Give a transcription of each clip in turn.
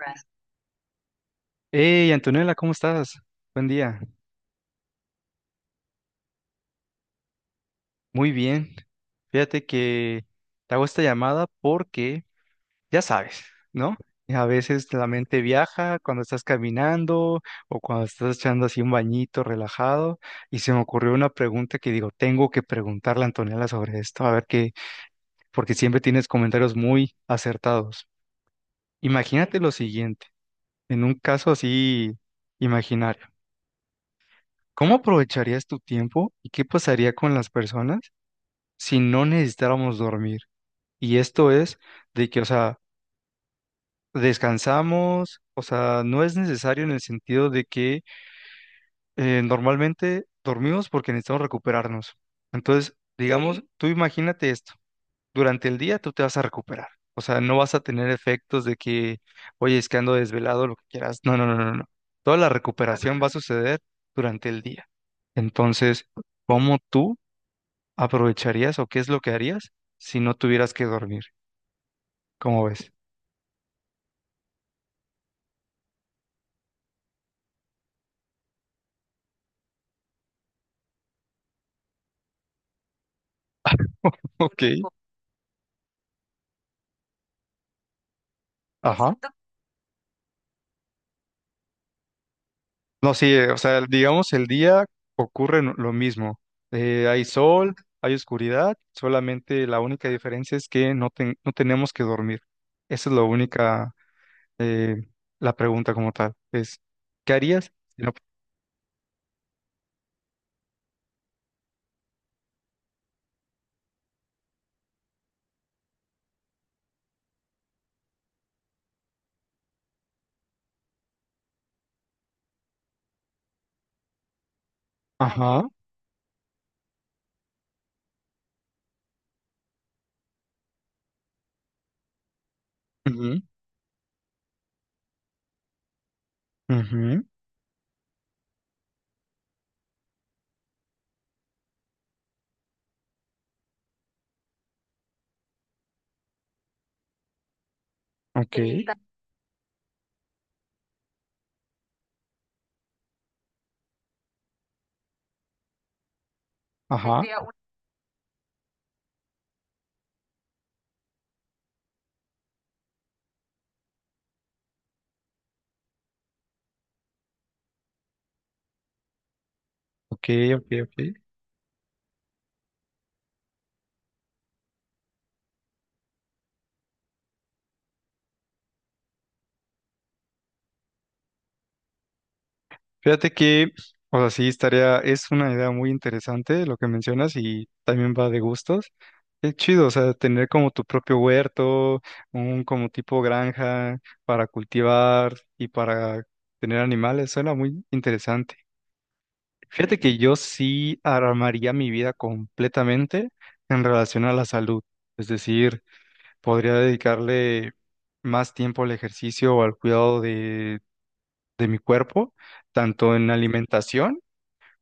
Right. Hey, Antonella, ¿cómo estás? Buen día. Muy bien. Fíjate que te hago esta llamada porque, ya sabes, ¿no? A veces la mente viaja cuando estás caminando o cuando estás echando así un bañito relajado y se me ocurrió una pregunta que digo, tengo que preguntarle a Antonella sobre esto, a ver qué, porque siempre tienes comentarios muy acertados. Imagínate lo siguiente, en un caso así imaginario, ¿cómo aprovecharías tu tiempo y qué pasaría con las personas si no necesitáramos dormir? Y esto es de que, o sea, descansamos, o sea, no es necesario en el sentido de que normalmente dormimos porque necesitamos recuperarnos. Entonces, digamos, Ok, tú imagínate esto, durante el día tú te vas a recuperar. O sea, no vas a tener efectos de que, oye, es que ando desvelado, lo que quieras. No, no, no, no, no. Toda la recuperación va a suceder durante el día. Entonces, ¿cómo tú aprovecharías o qué es lo que harías si no tuvieras que dormir? ¿Cómo ves? Ok, único. Ajá. No, sí, o sea, digamos, el día ocurre lo mismo. Hay sol, hay oscuridad, solamente la única diferencia es que no tenemos que dormir. Esa es la única, eh, la pregunta como tal. Es, ¿qué harías Ajá. Ujú, ujú, ok, ajá. Ok, ok, ok. Fíjate que, o sea, sí, estaría, es una idea muy interesante lo que mencionas y también va de gustos. Es chido, o sea, tener como tu propio huerto, un como tipo granja para cultivar y para tener animales, suena muy interesante. Fíjate que yo sí armaría mi vida completamente en relación a la salud, es decir, podría dedicarle más tiempo al ejercicio o al cuidado de mi cuerpo, tanto en alimentación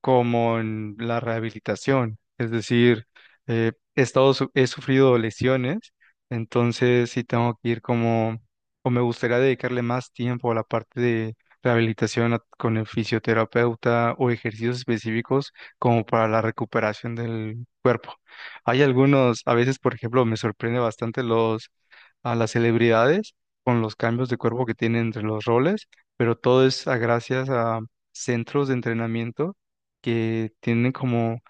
como en la rehabilitación. Es decir, he sufrido lesiones, entonces sí tengo que ir como, o me gustaría dedicarle más tiempo a la parte de rehabilitación con el fisioterapeuta o ejercicios específicos como para la recuperación del cuerpo. Hay algunos, a veces, por ejemplo, me sorprende bastante a las celebridades con los cambios de cuerpo que tienen entre los roles, pero todo es a gracias a centros de entrenamiento que tienen como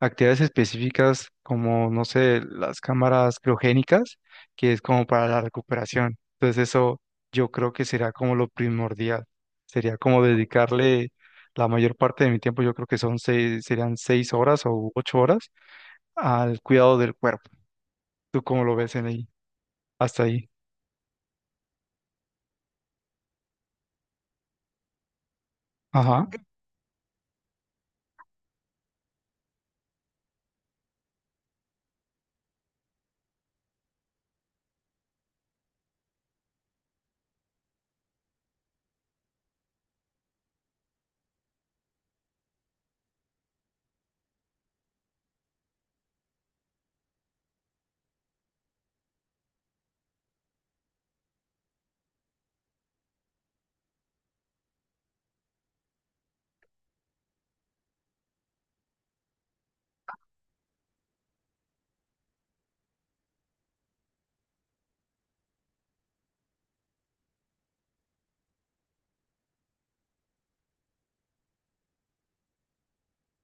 actividades específicas como, no sé, las cámaras criogénicas, que es como para la recuperación. Entonces eso yo creo que será como lo primordial. Sería como dedicarle la mayor parte de mi tiempo, yo creo que serían seis horas o ocho horas al cuidado del cuerpo. ¿Tú cómo lo ves en ahí? Hasta ahí. Ajá.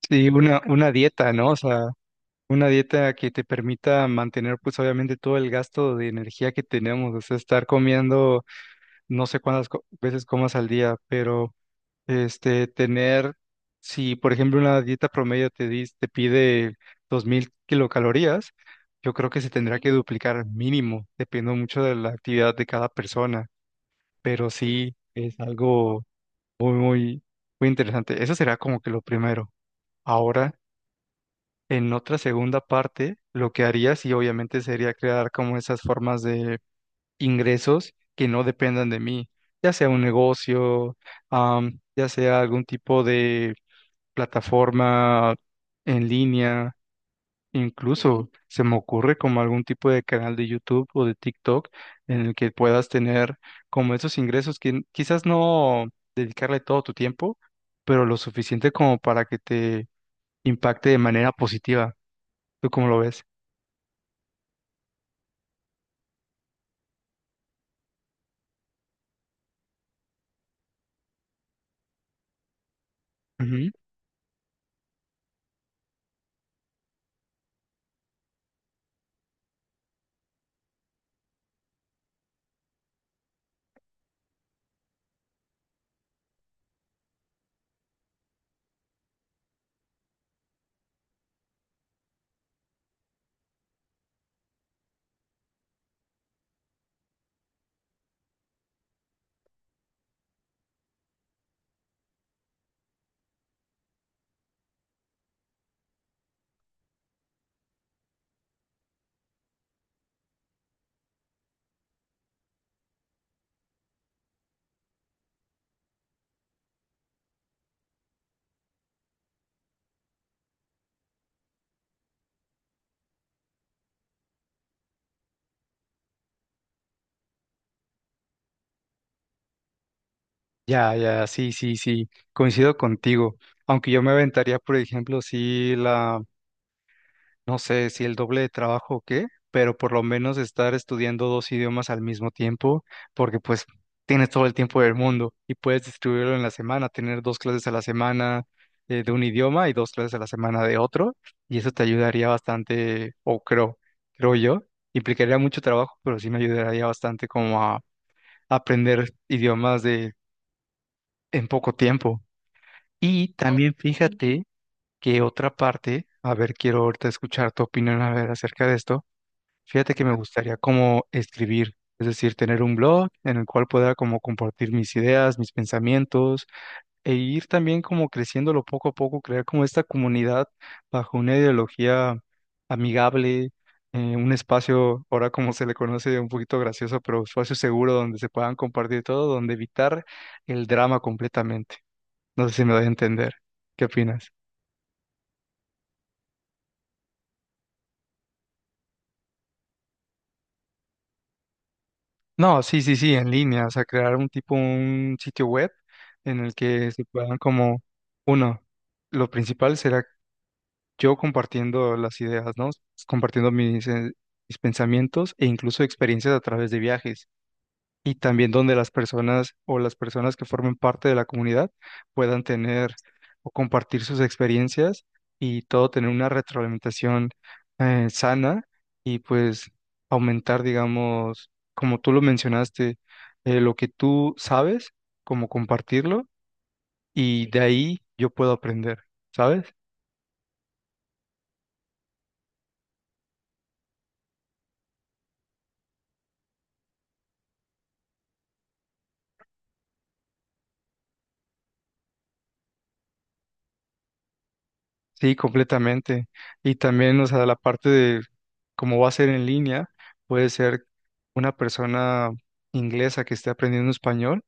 Sí, una dieta, ¿no? O sea, una dieta que te permita mantener, pues obviamente, todo el gasto de energía que tenemos, o sea, estar comiendo no sé veces comas al día, pero este tener, si por ejemplo una dieta promedio te pide 2000 kilocalorías, yo creo que se tendrá que duplicar mínimo, dependiendo mucho de la actividad de cada persona, pero sí es algo muy, muy, muy interesante. Eso será como que lo primero. Ahora, en otra segunda parte, lo que haría sí obviamente sería crear como esas formas de ingresos que no dependan de mí, ya sea un negocio, ya sea algún tipo de plataforma en línea, incluso se me ocurre como algún tipo de canal de YouTube o de TikTok en el que puedas tener como esos ingresos que quizás no dedicarle todo tu tiempo, pero lo suficiente como para que te impacte de manera positiva. ¿Tú cómo lo ves? Ya, ya, sí, sí, sí, coincido contigo. Aunque yo me aventaría, por ejemplo, no sé, si el doble de trabajo o qué, pero por lo menos estar estudiando dos idiomas al mismo tiempo, porque pues tienes todo el tiempo del mundo y puedes distribuirlo en la semana, tener dos clases a la semana de un idioma y dos clases a la semana de otro, y eso te ayudaría bastante, creo yo, implicaría mucho trabajo, pero sí me ayudaría bastante como a aprender idiomas de en poco tiempo. Y ok, también fíjate que otra parte, a ver, quiero ahorita escuchar tu opinión a ver acerca de esto. Fíjate que me gustaría como escribir, es decir, tener un blog en el cual pueda como compartir mis ideas, mis pensamientos e ir también como creciéndolo poco a poco, crear como esta comunidad bajo una ideología amigable, un espacio, ahora como se le conoce, un poquito gracioso, pero espacio seguro donde se puedan compartir todo, donde evitar el drama completamente. No sé si me voy a entender. ¿Qué opinas? No, sí, sí, sí, en línea, o sea, un sitio web en el que se puedan como, no, lo principal será yo compartiendo las ideas, ¿no? Compartiendo mis pensamientos e incluso experiencias a través de viajes. Y también donde las personas que formen parte de la comunidad puedan tener o compartir sus experiencias y todo tener una retroalimentación sana y pues aumentar, digamos, como tú lo mencionaste, lo que tú sabes, como compartirlo y de ahí yo puedo aprender, ¿sabes? Sí, completamente. Y también, o sea, la parte de cómo va a ser en línea, puede ser una persona inglesa que esté aprendiendo español,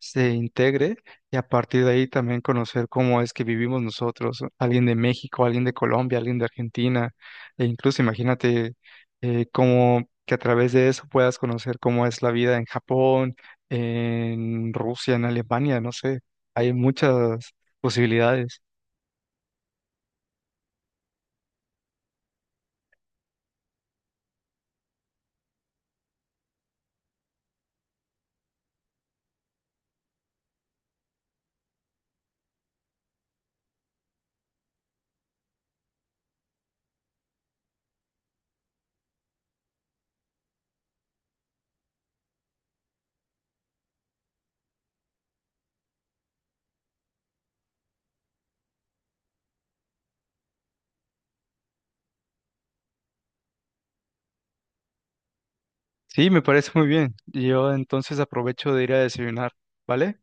se integre y a partir de ahí también conocer cómo es que vivimos nosotros, alguien de México, alguien de Colombia, alguien de Argentina, e incluso imagínate cómo que a través de eso puedas conocer cómo es la vida en Japón, en Rusia, en Alemania, no sé, hay muchas posibilidades. Sí, me parece muy bien. Yo entonces aprovecho de ir a desayunar, ¿vale?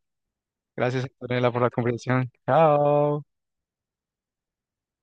Gracias, Antonella, por la conversación. Chao.